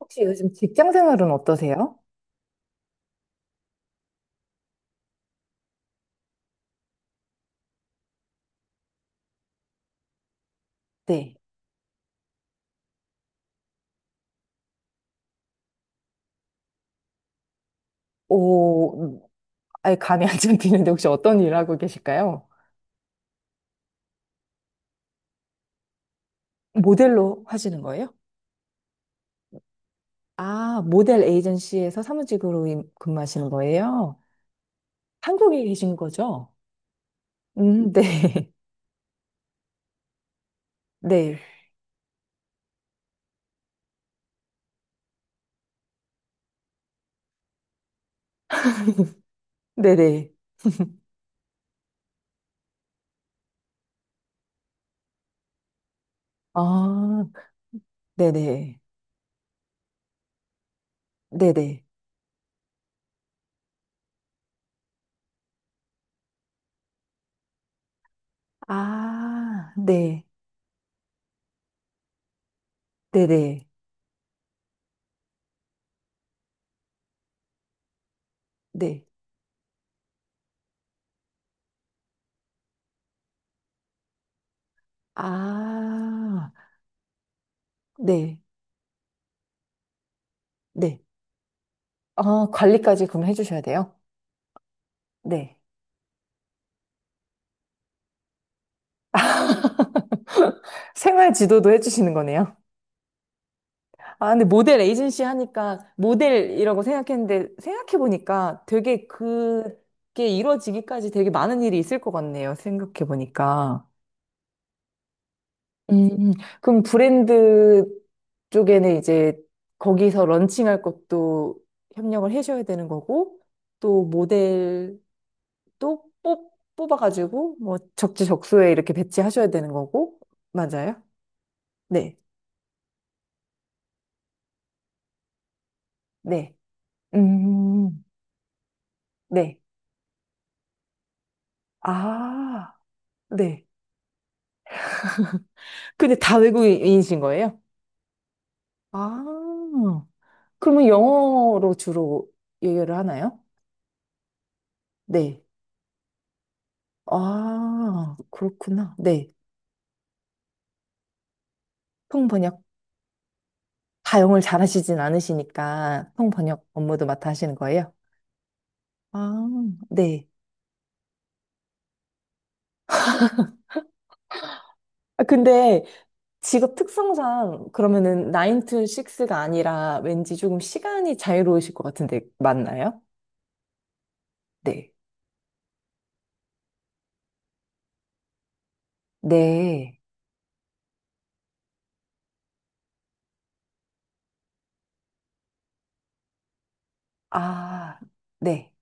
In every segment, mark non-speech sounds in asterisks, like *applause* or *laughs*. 혹시 요즘 직장 생활은 어떠세요? 네. 오, 아예 감이 안 잡히는데 혹시 어떤 일 하고 계실까요? 모델로 하시는 거예요? 아, 모델 에이전시에서 사무직으로 근무하시는 거예요? 한국에 계신 거죠? 네. *laughs* 네. 네네. 아, 네네. 네네. 아, 네. 네네. 네. 아, 네. 네. 아, 관리까지 그럼 해주셔야 돼요? 네. 생활 지도도 해주시는 거네요? 아, 근데 모델 에이전시 하니까 모델이라고 생각했는데 생각해보니까 되게 그게 이루어지기까지 되게 많은 일이 있을 것 같네요. 생각해보니까. 음, 그럼 브랜드 쪽에는 이제 거기서 런칭할 것도 협력을 해줘야 되는 거고 또 모델도 뽑아가지고 뭐 적지적소에 이렇게 배치하셔야 되는 거고 맞아요? 네, 네, 음, 네, 아, 네. 근데 다 외국인이신 거예요? 아, 그러면 영어로 주로 얘기를 하나요? 네. 아, 그렇구나. 네. 통번역. 다 영어를 잘하시진 않으시니까 통번역 업무도 맡아 하시는 거예요? 아, 네. 아, 근데 직업 특성상 그러면은 9 to 6가 아니라 왠지 조금 시간이 자유로우실 것 같은데 맞나요? 네. 네. 아, 네.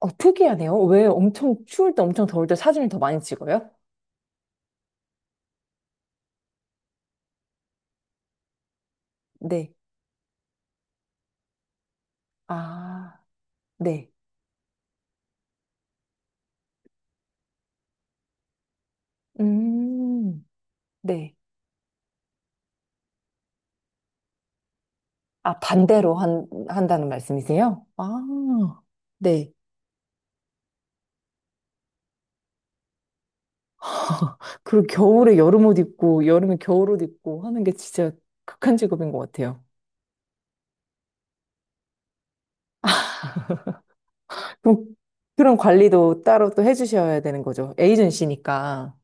어, 특이하네요. 왜 엄청 추울 때 엄청 더울 때 사진을 더 많이 찍어요? 네. 아, 네. 음, 네. 아, 반대로 한다는 말씀이세요? 아, 네. *laughs* 그리고 겨울에 여름 옷 입고, 여름에 겨울 옷 입고 하는 게 진짜 극한 직업인 것 같아요. 그럼 그런 관리도 따로 또 해주셔야 되는 거죠. 에이전시니까.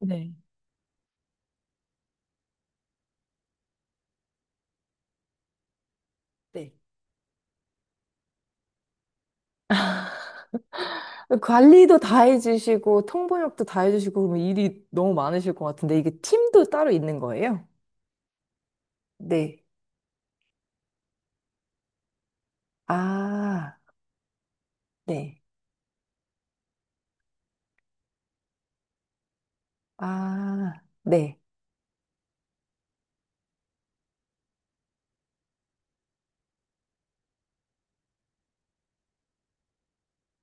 네. 네. 관리도 다 해주시고 통번역도 다 해주시고 그러면 일이 너무 많으실 것 같은데 이게 팀도 따로 있는 거예요? 네. 아, 네. 아, 네.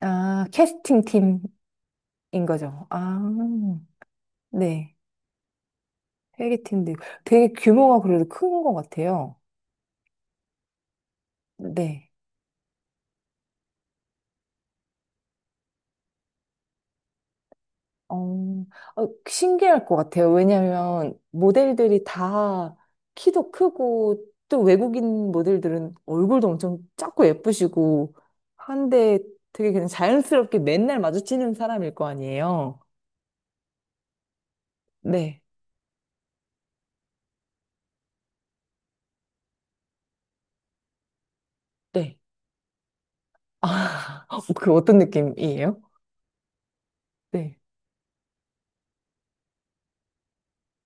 아, 캐스팅 팀인 거죠. 아, 네. 회계팀도 있고. 되게 규모가 그래도 큰 것 같아요. 네. 어, 어, 신기할 것 같아요. 왜냐하면 모델들이 다 키도 크고 또 외국인 모델들은 얼굴도 엄청 작고 예쁘시고 한데 되게 그냥 자연스럽게 맨날 마주치는 사람일 거 아니에요. 네, 네. 아, *laughs* 그 어떤 느낌이에요? 네.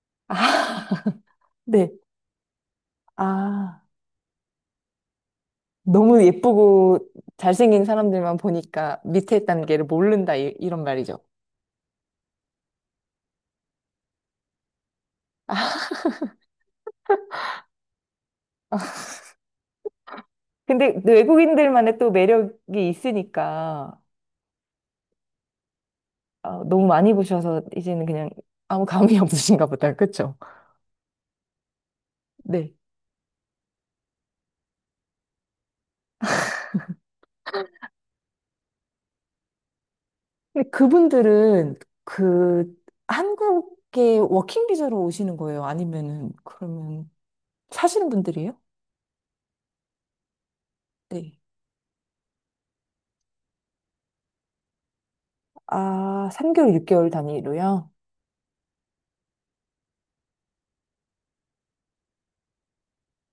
*laughs* 아, 네. 아, 너무 예쁘고 잘생긴 사람들만 보니까 밑에 단계를 모른다 이런 말이죠. 근데 외국인들만의 또 매력이 있으니까 아, 너무 많이 보셔서 이제는 그냥 아무 감이 *laughs* 없으신가 보다. 그쵸? 네. 근데 그분들은 그 한국에 워킹 비자로 오시는 거예요? 아니면은 그러면 사시는 분들이에요? 네. 아, 3개월, 6개월 단위로요?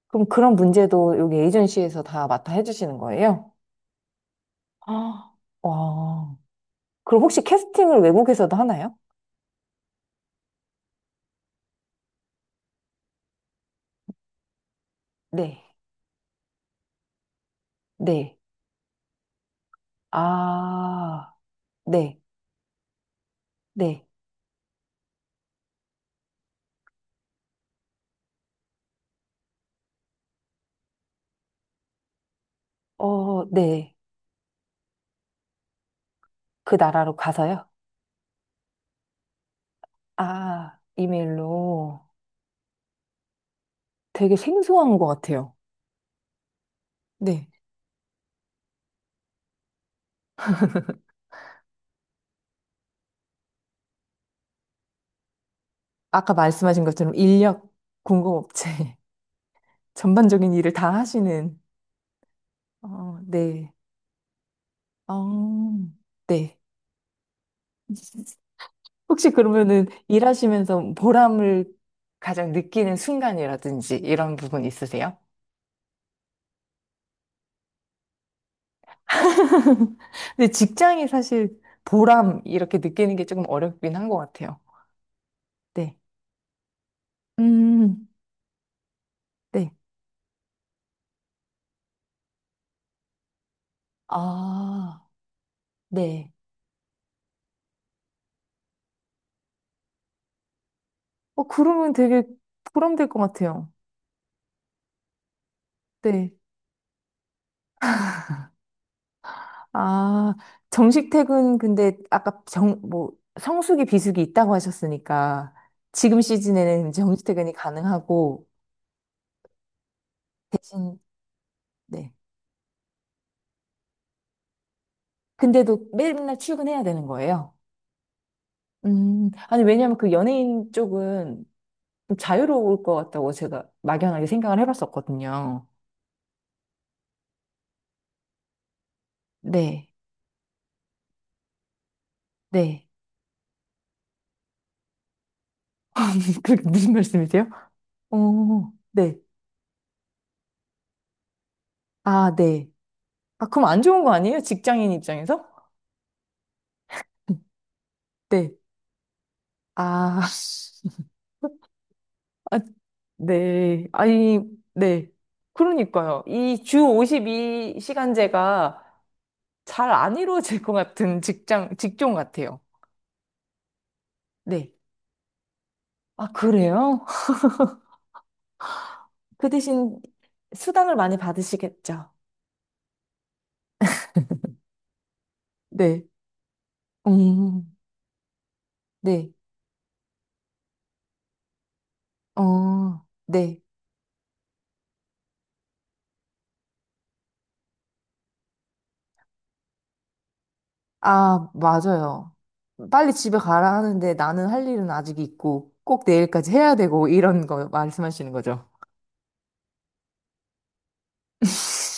그럼 그런 문제도 여기 에이전시에서 다 맡아 해주시는 거예요? 아, 와. 그럼 혹시 캐스팅을 외국에서도 하나요? 네. 네. 아. 네, 네, 어, 네. 그 나라로 가서요? 아, 이메일로 되게 생소한 것 같아요. 네. 아까 말씀하신 것처럼 인력 공급업체 *laughs* 전반적인 일을 다 하시는, 어, 네. 어, 네. 혹시 그러면은 일하시면서 보람을 가장 느끼는 순간이라든지 이런 부분 있으세요? *laughs* 근데 직장이 사실 보람 이렇게 느끼는 게 조금 어렵긴 한 것 같아요. 네. 음, 네. 아, 네. 어, 그러면 되게 보람될 것 같아요. 네. 아, 정식 퇴근, 근데 아까 정, 뭐, 성수기, 비수기 있다고 하셨으니까 지금 시즌에는 정식 퇴근이 가능하고 대신, 네. 근데도 맨날 출근해야 되는 거예요. 아니, 왜냐면 그 연예인 쪽은 좀 자유로울 것 같다고 제가 막연하게 생각을 해봤었거든요. 네. 네. *laughs* 그게 무슨 말씀이세요? 어, 네. 아, 네. 아, 그럼 안 좋은 거 아니에요? 직장인 입장에서? 네. 아, *laughs* 아, 네. 아니, 네. 그러니까요. 이 주 52시간제가 잘 안 이루어질 것 같은 직장, 직종 같아요. 네. 아, 그래요? *laughs* 그 대신 수당을 많이 받으시겠죠? 네. 음, 네. 어, 네. 아, 맞아요. 빨리 집에 가라 하는데 나는 할 일은 아직 있고 꼭 내일까지 해야 되고 이런 거 말씀하시는 거죠. *laughs*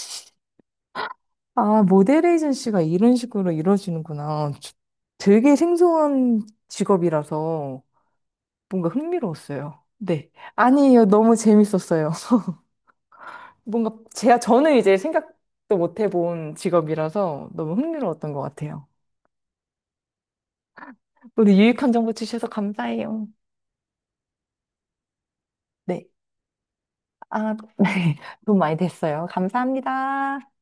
아, 모델 에이전시가 이런 식으로 이루어지는구나. 되게 생소한 직업이라서 뭔가 흥미로웠어요. 네. 아니에요. 너무 재밌었어요. *laughs* 뭔가 제가 저는 이제 생각도 못 해본 직업이라서 너무 흥미로웠던 것 같아요. 오늘 유익한 정보 주셔서 감사해요. 네. 아, *laughs* 네. 도움 많이 됐어요. 감사합니다.